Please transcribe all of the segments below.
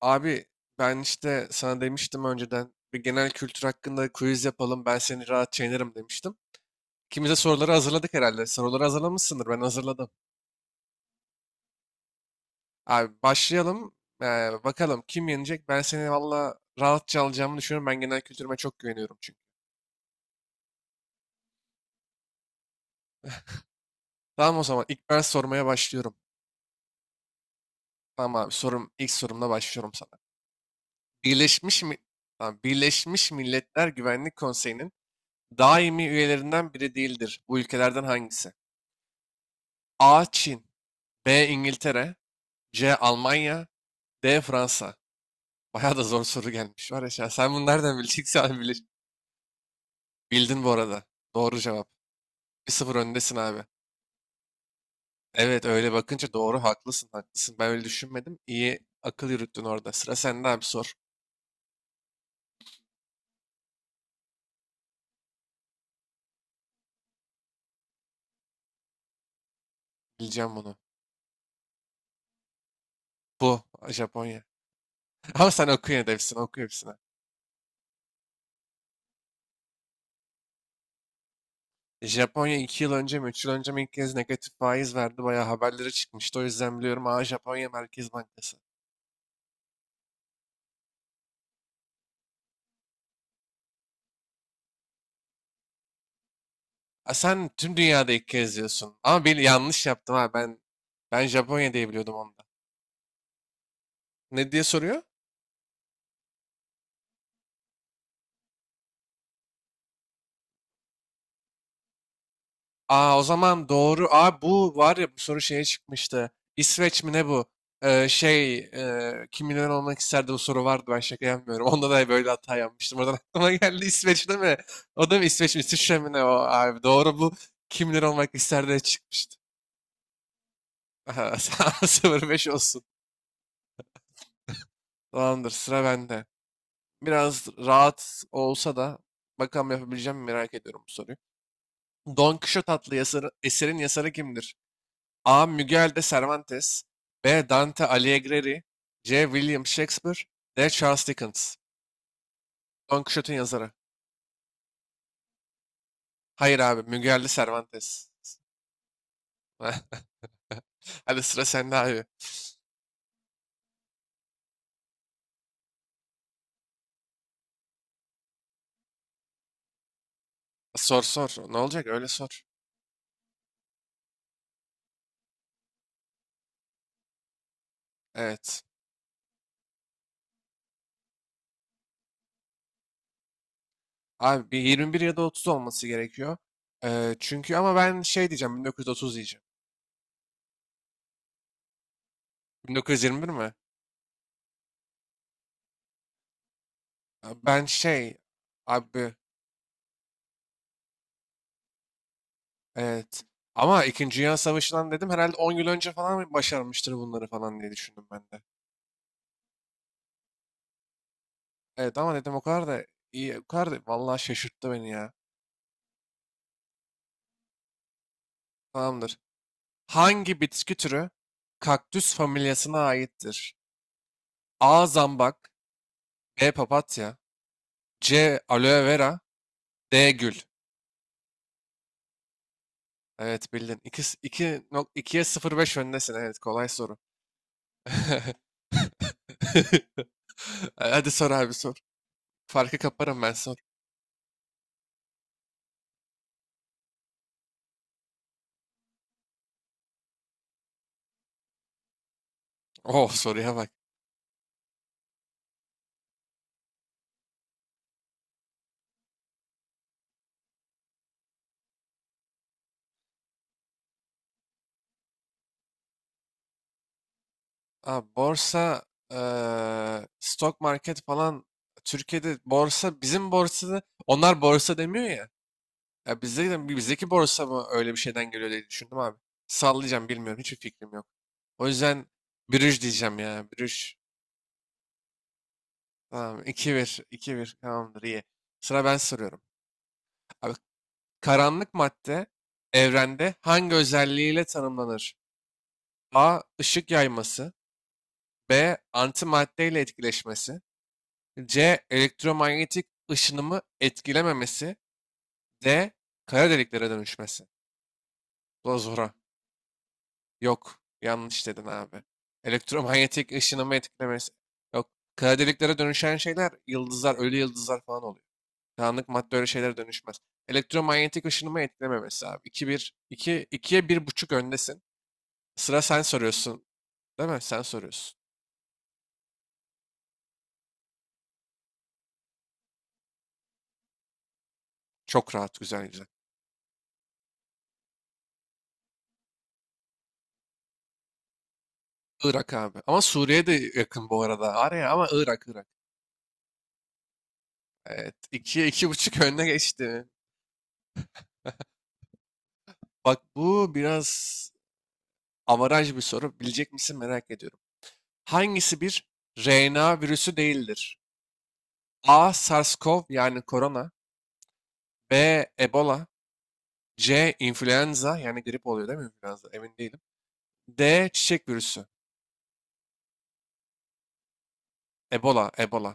Abi ben işte sana demiştim önceden bir genel kültür hakkında quiz yapalım, ben seni rahat yenerim demiştim. İkimiz de soruları hazırladık herhalde. Soruları hazırlamışsındır, ben hazırladım. Abi başlayalım. Ee, Bakalım kim yenecek, ben seni valla rahatça alacağımı düşünüyorum. Ben genel kültürüme çok güveniyorum çünkü. Tamam, o zaman ilk ben sormaya başlıyorum. Tamam abi, sorum, ilk sorumla başlıyorum sana. Birleşmiş mi? Tamam, Birleşmiş Milletler Güvenlik Konseyi'nin daimi üyelerinden biri değildir. Bu ülkelerden hangisi? A. Çin. B. İngiltere. C. Almanya. D. Fransa. Bayağı da zor soru gelmiş var ya şu an. Sen bunu nereden bileceksin abi? Bildin bu arada. Doğru cevap. Bir sıfır öndesin abi. Evet, öyle bakınca doğru, haklısın haklısın. Ben öyle düşünmedim. İyi akıl yürüttün orada. Sıra sende abi, sor. Bileceğim bunu. Bu Japonya. Ama sen oku, yine de hepsini oku hepsini. Japonya 2 yıl önce mi 3 yıl önce mi ilk kez negatif faiz verdi. Bayağı haberlere çıkmıştı. O yüzden biliyorum. Aa, Japonya Merkez Bankası. Ha, sen tüm dünyada ilk kez diyorsun. Ama bir yanlış yaptım ha. Ben Japonya diye biliyordum onu da. Ne diye soruyor? Aa, o zaman doğru. Aa, bu var ya, bu soru şeye çıkmıştı. İsveç mi ne bu? Şey, kim milyoner olmak isterdi, bu soru vardı. Ben şaka yapmıyorum. Onda da böyle hata yapmıştım. Oradan aklıma geldi, İsveç değil mi? O da mı İsveç mi? İsviçre mi ne o abi? Doğru bu. Kim milyoner olmak isterdi çıkmıştı. 0-5 olsun. Tamamdır, sıra bende. Biraz rahat olsa da bakalım yapabileceğim mi merak ediyorum bu soruyu. Don Quixote adlı yazarı, eserin yazarı kimdir? A. Miguel de Cervantes. B. Dante Alighieri. C. William Shakespeare. D. Charles Dickens. Don Quixote'un yazarı. Hayır abi, Miguel de Cervantes. Hadi sıra sende abi. Sor sor. Ne olacak? Öyle sor. Evet. Abi bir 21 ya da 30 olması gerekiyor. Çünkü, ama ben şey diyeceğim, 1930 diyeceğim. 1921 mi? Ya ben şey, abi, evet, ama İkinci Dünya Savaşı'ndan dedim herhalde 10 yıl önce falan başarmıştır bunları falan diye düşündüm ben de. Evet, ama dedim o kadar da iyi, o kadar da, vallahi şaşırttı beni ya. Tamamdır. Hangi bitki türü kaktüs familyasına aittir? A. Zambak. B. Papatya. C. Aloe vera. D. Gül. Evet, bildin. 2, 2, 2'ye 0,5 öndesin. Evet, kolay soru. Hadi sor abi sor. Farkı kaparım, ben sor. Oh, soruya bak. Abi, borsa, stock market falan, Türkiye'de borsa, bizim borsada onlar borsa demiyor ya. Ya bizde de, bizdeki borsa mı öyle bir şeyden geliyor diye düşündüm abi. Sallayacağım, bilmiyorum, hiçbir fikrim yok. O yüzden bürüş diyeceğim ya, bürüş. Tamam, iki bir, iki bir, tamamdır, iyi. Sıra ben soruyorum. Abi, karanlık madde evrende hangi özelliğiyle tanımlanır? A. Işık yayması. B. Antimaddeyle etkileşmesi. C. Elektromanyetik ışınımı etkilememesi. D. Kara deliklere dönüşmesi. Bu da zora. Yok. Yanlış dedin abi. Elektromanyetik ışınımı etkilemesi. Yok. Kara deliklere dönüşen şeyler yıldızlar, ölü yıldızlar falan oluyor. Karanlık madde öyle şeylere dönüşmez. Elektromanyetik ışınımı etkilememesi abi. İki bir, iki, ikiye bir buçuk öndesin. Sıra, sen soruyorsun. Değil mi? Sen soruyorsun. Çok rahat, güzel güzel. Irak abi. Ama Suriye de yakın bu arada. Araya, ama Irak, Irak. Evet. ikiye iki buçuk önüne geçti. Bak, bu biraz avaraj bir soru. Bilecek misin merak ediyorum. Hangisi bir RNA virüsü değildir? A. SARS-CoV, yani korona. B. Ebola. C. İnfluenza, yani grip oluyor değil mi influenza? Emin değilim. D. Çiçek virüsü. Ebola, Ebola.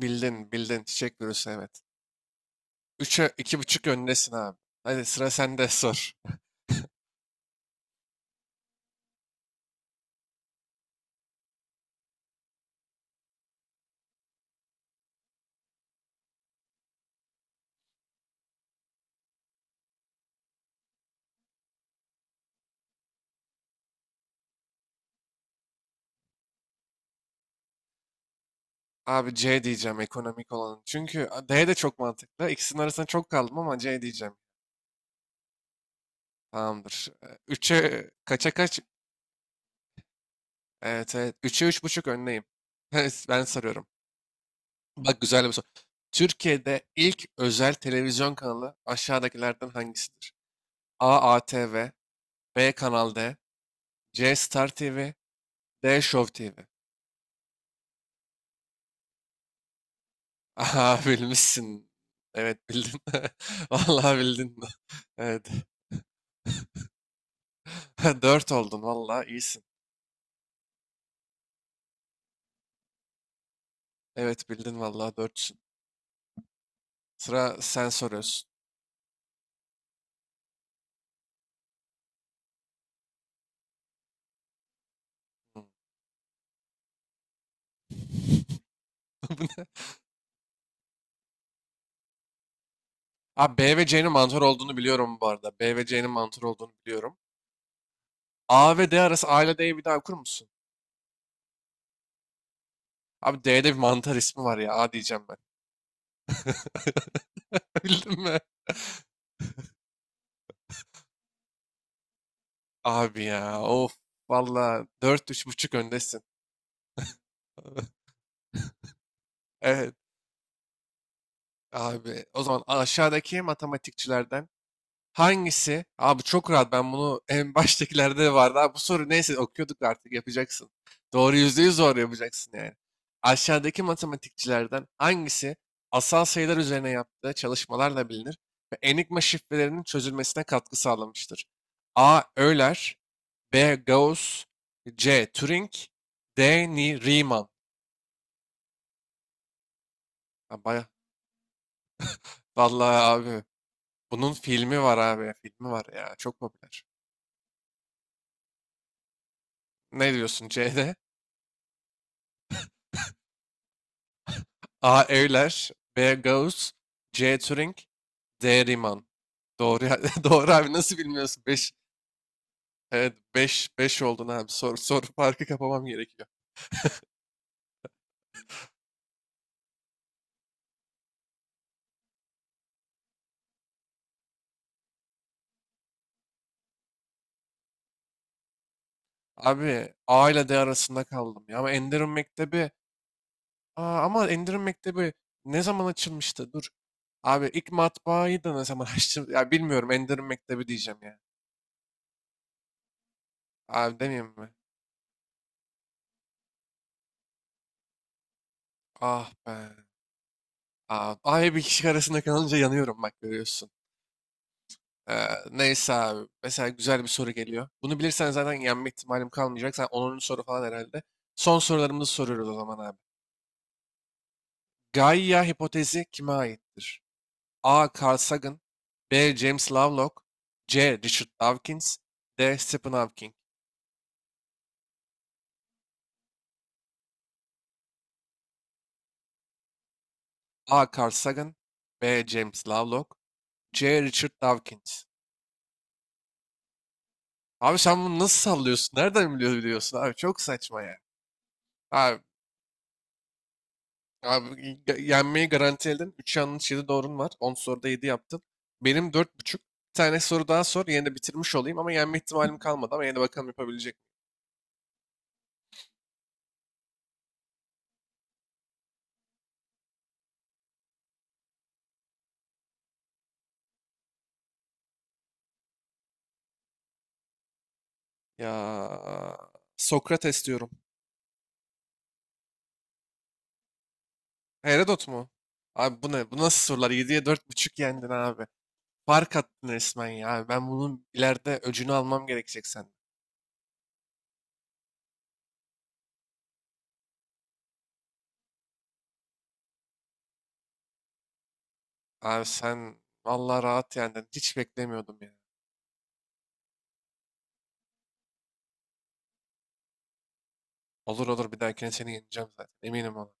Bildin, bildin. Çiçek virüsü, evet. 3'e buçuk öndesin abi. Hadi sıra sende sor. Abi C diyeceğim, ekonomik olanın. Çünkü D de çok mantıklı. İkisinin arasında çok kaldım ama C diyeceğim. Tamamdır. Üç'e, kaça kaç? Evet evet. Üçe üç buçuk önleyim. Ben sarıyorum. Bak, güzel bir soru. Türkiye'de ilk özel televizyon kanalı aşağıdakilerden hangisidir? A. ATV. B. Kanal D. C. Star TV. D. Show TV. Aha, bilmişsin. Evet, bildin. Vallahi bildin. Evet. Dört oldun, vallahi iyisin. Evet bildin, vallahi 400. Sıra sen soruyorsun. Hı. Bu ne? Abi B ve C'nin mantar olduğunu biliyorum bu arada. B ve C'nin mantar olduğunu biliyorum. A ve D arası, A ile D'yi bir daha okur musun? Abi D'de bir mantar ismi var ya. A diyeceğim ben. Bildin mi? Abi ya, of. Valla dört üç buçuk öndesin. Evet abi. O zaman aşağıdaki matematikçilerden hangisi? Abi çok rahat, ben bunu en baştakilerde de vardı. Abi bu soru neyse, okuyorduk artık yapacaksın. Doğru, %100 doğru yapacaksın yani. Aşağıdaki matematikçilerden hangisi asal sayılar üzerine yaptığı çalışmalarla bilinir ve enigma şifrelerinin çözülmesine katkı sağlamıştır? A. Euler. B. Gauss. C. Turing. D. Riemann. Ha, vallahi abi, bunun filmi var abi. Filmi var ya. Çok popüler. Ne diyorsun C'de? A. Euler. B. Gauss. C. Turing. D. Riemann. Doğru abi, nasıl bilmiyorsun? Beş, evet beş, 5 oldun abi. Soru farkı kapamam gerekiyor. Abi A ile D arasında kaldım ya, ama Enderun Mektebi. Aa, ama Enderun Mektebi ne zaman açılmıştı? Dur. Abi ilk matbaayı da ne zaman açtım? Ya bilmiyorum, Enderun Mektebi diyeceğim ya. Abi demeyeyim mi? Ah be. Abi, abi bir kişi arasında kalınca yanıyorum bak görüyorsun. Ee, Neyse abi. Mesela güzel bir soru geliyor. Bunu bilirsen zaten yenme ihtimalim kalmayacak. Sen 10. soru falan herhalde. Son sorularımızı soruyoruz o zaman abi. Gaia hipotezi kime aittir? A. Carl Sagan. B. James Lovelock. C. Richard Dawkins. D. Stephen Hawking. A. Carl Sagan. B. James Lovelock. C. Richard Dawkins. Abi sen bunu nasıl sallıyorsun? Nereden biliyorsun abi? Çok saçma ya. Abi Abi, yenmeyi garanti edin. 3 yanlış 7 doğrun var. 10 soruda 7 yaptın. Benim 4,5. Bir tane soru daha sor. Yine de bitirmiş olayım, ama yenme ihtimalim kalmadı, ama yine de bakalım yapabilecek miyim? Ya Sokrates diyorum. Herodot mu? Abi bu ne? Bu nasıl sorular? Yediye dört buçuk yendin abi. Fark attın resmen ya. Abi ben bunun ileride öcünü almam gerekecek sen. Abi sen vallahi rahat yendin. Hiç beklemiyordum ya. Olur olur, bir dahakine seni yeneceğim zaten. Eminim ona.